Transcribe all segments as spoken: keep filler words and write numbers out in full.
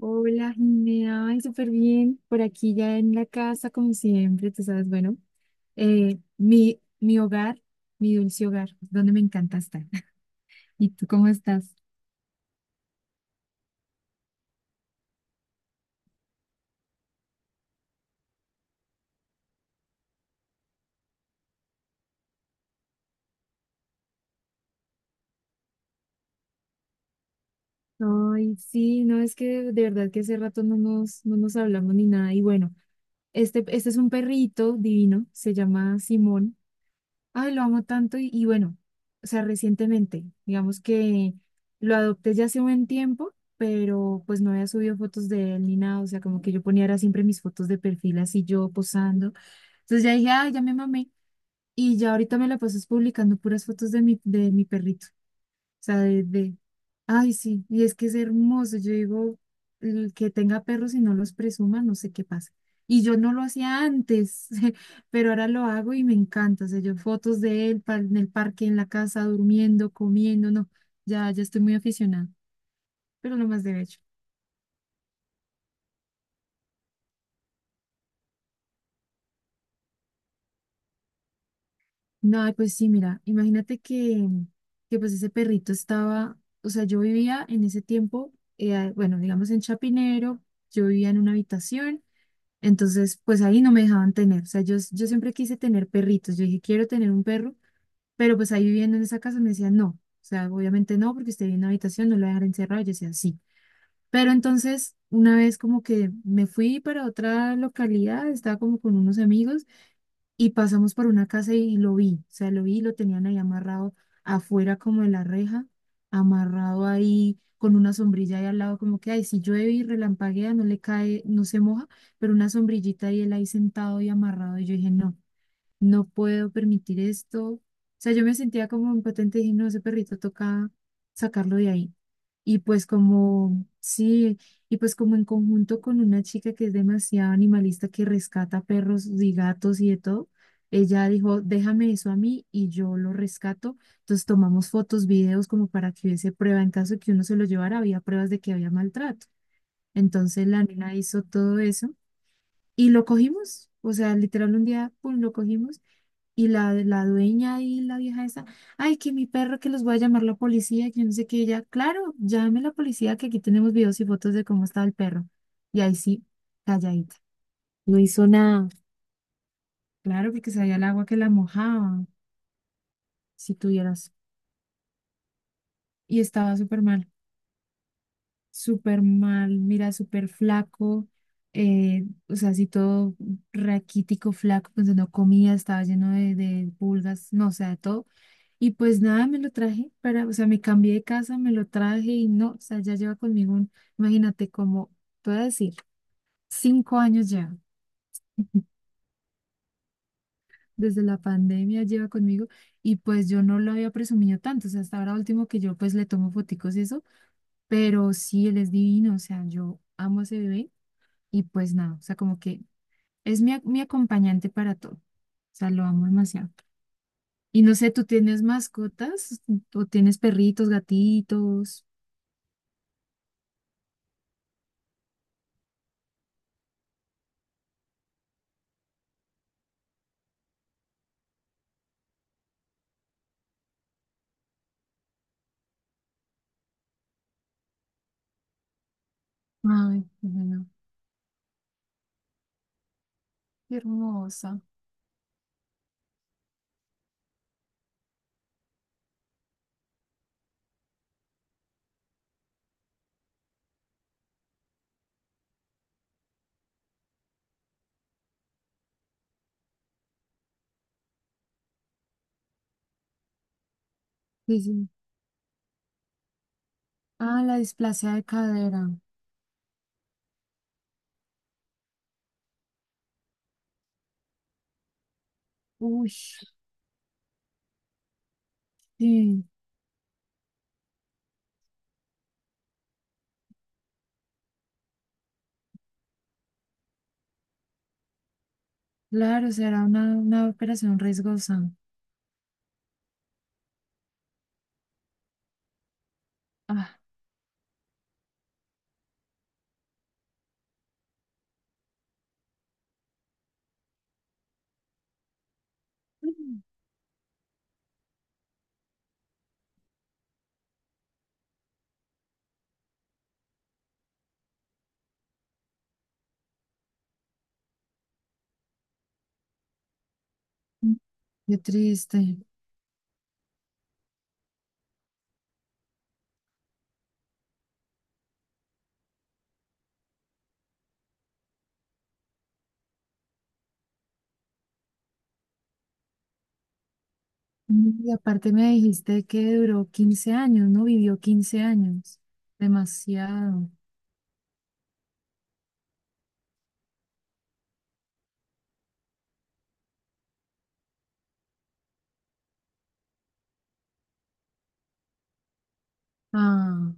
Hola, Jimena, ay, súper bien. Por aquí ya en la casa, como siempre, tú sabes, bueno, eh, mi, mi hogar, mi dulce hogar, donde me encanta estar. ¿Y tú cómo estás? Ay, sí, no, es que de verdad que hace rato no nos, no nos hablamos ni nada. Y bueno, este, este es un perrito divino, se llama Simón. Ay, lo amo tanto y, y bueno, o sea, recientemente, digamos que lo adopté ya hace un buen tiempo, pero pues no había subido fotos de él ni nada, o sea, como que yo ponía era siempre mis fotos de perfil así yo posando. Entonces ya dije, ay, ya me mamé y ya ahorita me la pasas publicando puras fotos de mi, de mi perrito sea, de, de- Ay, sí, y es que es hermoso. Yo digo, el que tenga perros y no los presuma, no sé qué pasa. Y yo no lo hacía antes, pero ahora lo hago y me encanta. O sea, yo fotos de él pa- en el parque, en la casa, durmiendo, comiendo, no, ya, ya estoy muy aficionada, pero lo más de hecho. No, ay, pues sí, mira, imagínate que, que pues ese perrito estaba, o sea, yo vivía en ese tiempo, eh, bueno, digamos en Chapinero, yo vivía en una habitación. Entonces, pues ahí no me dejaban tener. O sea, yo, yo siempre quise tener perritos. Yo dije, quiero tener un perro, pero pues ahí viviendo en esa casa me decían, no. O sea, obviamente no, porque usted vive en una habitación, no lo voy a dejar encerrado. Yo decía, sí. Pero entonces, una vez como que me fui para otra localidad, estaba como con unos amigos y pasamos por una casa y lo vi, o sea, lo vi, lo tenían ahí amarrado afuera como de la reja, amarrado ahí con una sombrilla ahí al lado, como que, ay, si llueve y relampaguea, no le cae, no se moja, pero una sombrillita y él ahí sentado y amarrado, y yo dije, no, no puedo permitir esto. O sea, yo me sentía como impotente y dije, no, ese perrito toca sacarlo de ahí. Y pues como, sí, y pues como en conjunto con una chica que es demasiado animalista, que rescata perros y gatos y de todo, ella dijo, déjame eso a mí y yo lo rescato. Entonces tomamos fotos, videos como para que hubiese prueba. En caso de que uno se lo llevara, había pruebas de que había maltrato. Entonces la nena hizo todo eso y lo cogimos. O sea, literal un día, pum, lo cogimos y la, la dueña y la vieja esa, ay, que mi perro, que los voy a llamar la policía, que yo no sé qué, ella, claro, llame la policía, que aquí tenemos videos y fotos de cómo estaba el perro. Y ahí sí, calladita. No hizo nada, claro, porque sabía el agua que la mojaba, si tuvieras. Y estaba súper mal, súper mal, mira, súper flaco, eh, o sea, así todo raquítico, flaco, pues no comía, estaba lleno de, de pulgas, no, o sea, de todo. Y pues nada, me lo traje para, o sea, me cambié de casa, me lo traje y no, o sea, ya lleva conmigo un, imagínate como, te voy a decir, cinco años ya, desde la pandemia lleva conmigo y pues yo no lo había presumido tanto, o sea, hasta ahora último que yo pues le tomo foticos y eso, pero sí, él es divino, o sea, yo amo a ese bebé y pues nada, o sea, como que es mi, a- mi acompañante para todo, o sea, lo amo demasiado. Y no sé, ¿tú tienes mascotas o tienes perritos, gatitos? Ay, bueno. Qué hermosa. Sí, sí. Ah, la displasia de cadera. Uy, sí. Claro, será una, una operación riesgosa. Ah, mm, qué triste. Mm, Y aparte me dijiste que duró quince años, ¿no? Vivió quince años. Demasiado. Ah,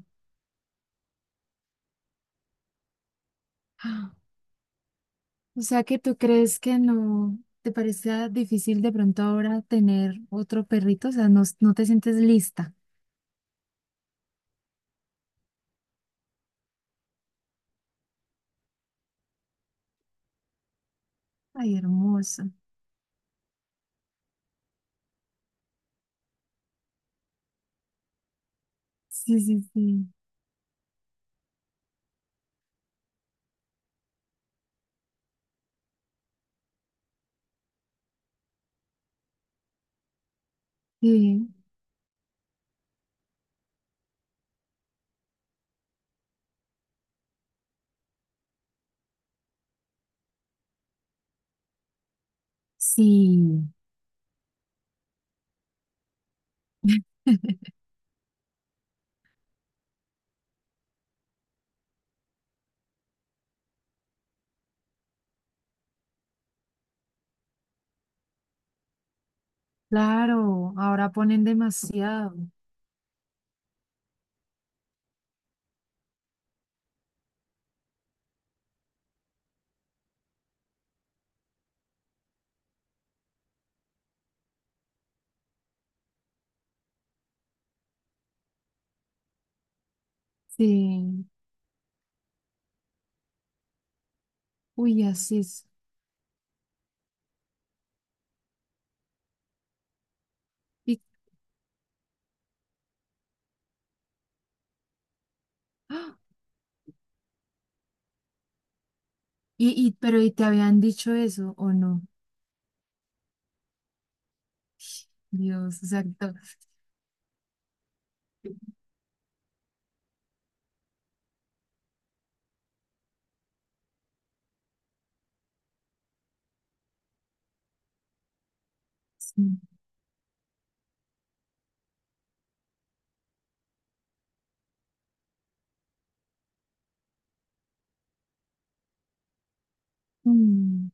ah. O sea que tú crees que no te parece difícil de pronto ahora tener otro perrito, o sea, no, no te sientes lista. Ay, hermosa. Sí, sí, sí. Sí, sí. Claro, ahora ponen demasiado. Sí, uy, así es. Y, ¡ah! y, y- pero ¿y te habían dicho eso o no? Dios, exacto. Sí. Mm,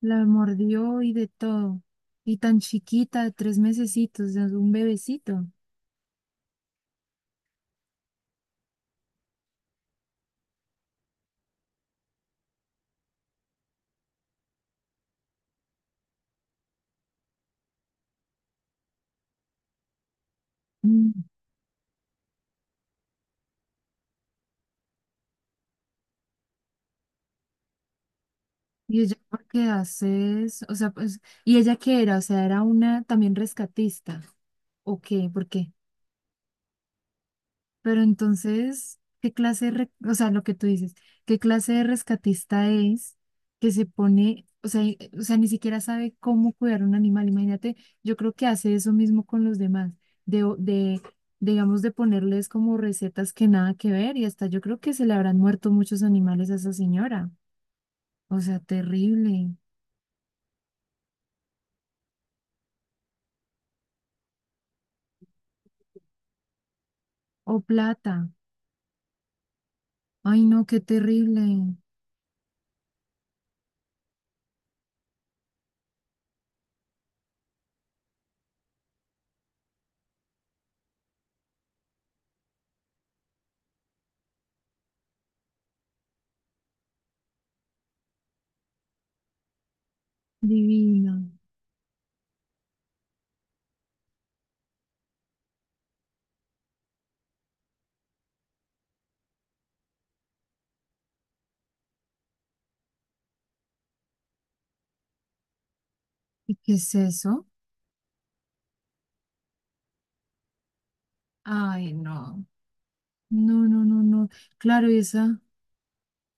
la mordió y de todo. Y tan chiquita, de tres mesecitos, o sea, es un bebecito. Mm. Y ella, ¿por qué haces? O sea, pues, ¿y ella qué era? O sea, ¿era una también rescatista? ¿O qué? ¿Por qué? Pero entonces, ¿qué clase de, re- o sea, lo que tú dices, qué clase de rescatista es que se pone, o sea, y- o sea, ni siquiera sabe cómo cuidar un animal? Imagínate, yo creo que hace eso mismo con los demás, de, o- de, digamos, de ponerles como recetas que nada que ver y hasta yo creo que se le habrán muerto muchos animales a esa señora. O sea, terrible. O plata. Ay, no, qué terrible. Divino. ¿Y qué es eso? Ay, no. No, no, no, no. Claro, y esa,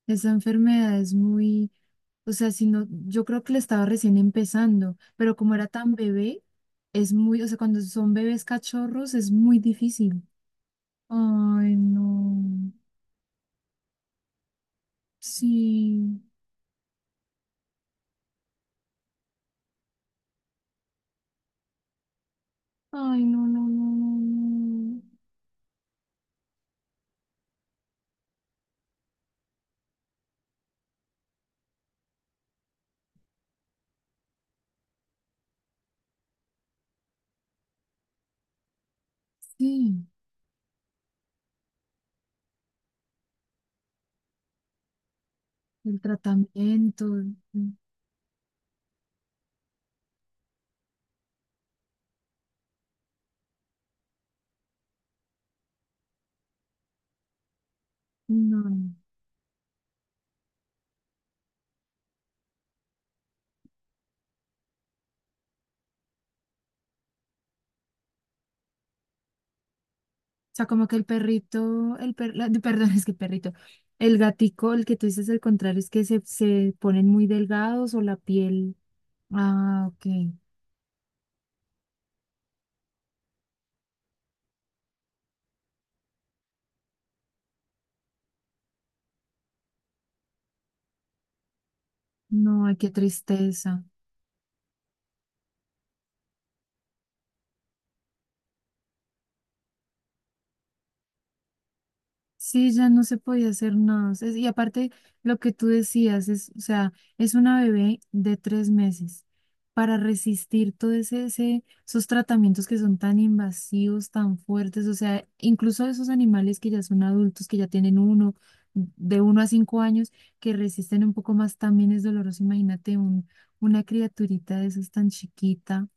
esa enfermedad es muy, o sea, si no, yo creo que le estaba recién empezando, pero como era tan bebé, es muy, o sea, cuando son bebés cachorros es muy difícil. Ay, no. Sí. Ay, no, no, no, no, no. Sí, el tratamiento. mm, No. Sea, como que el perrito, el per, la- perdón, es que perrito, el gatico, el que tú dices el contrario, es que se, se ponen muy delgados o la piel. Ah, ok. No, ay, qué tristeza. Sí, ya no se podía hacer nada. Es- y aparte, lo que tú decías es, o sea, es una bebé de tres meses. Para resistir todo ese, ese- esos tratamientos que son tan invasivos, tan fuertes, o sea, incluso esos animales que ya son adultos, que ya tienen uno, de uno a cinco años, que resisten un poco más, también es doloroso. Imagínate un, una criaturita de esas tan chiquita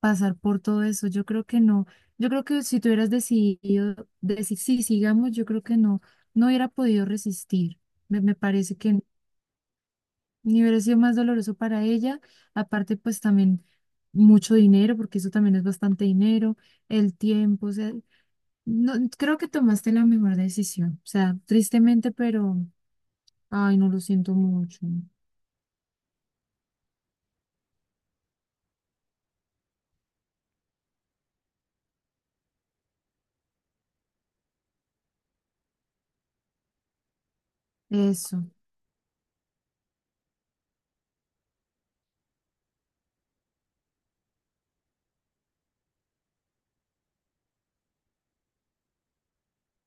pasar por todo eso. Yo creo que no. Yo creo que si tú hubieras decidido decir sí, sigamos, yo creo que no, no hubiera podido resistir. Me, me parece que ni hubiera sido más doloroso para ella. Aparte, pues también mucho dinero, porque eso también es bastante dinero, el tiempo, o sea, no, creo que tomaste la mejor decisión. O sea, tristemente, pero, ay, no lo siento mucho. Eso.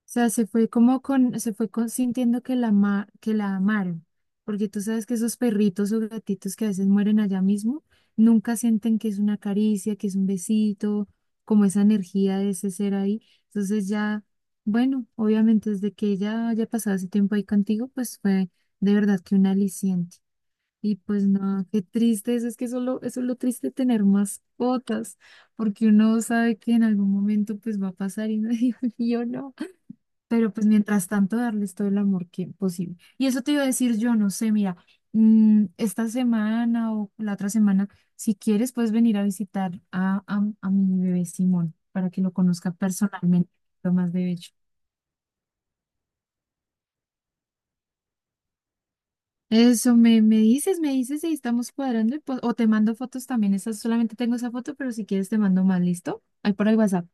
Sea, se fue como con, se fue con- sintiendo que la, ama- que la amaron, porque tú sabes que esos perritos o gatitos que a veces mueren allá mismo, nunca sienten que es una caricia, que es un besito, como esa energía de ese ser ahí. Entonces ya, bueno, obviamente desde que ella haya pasado ese tiempo ahí contigo, pues fue de verdad que un aliciente. Y pues no, qué triste eso, es que solo, eso es lo triste de tener mascotas, porque uno sabe que en algún momento pues va a pasar y uno dice, yo no. Pero pues mientras tanto, darles todo el amor que posible. Y eso te iba a decir yo, no sé, mira, mm, esta semana o la otra semana, si quieres, puedes venir a visitar a, a, a, mi bebé Simón para que lo conozca personalmente, lo más de hecho. Eso me, me dices, me dices y estamos cuadrando y pues- o te mando fotos también. Esa, solamente tengo esa foto, pero si quieres te mando más, ¿listo? Ahí por el WhatsApp.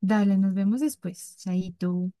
Dale, nos vemos después. Chaito.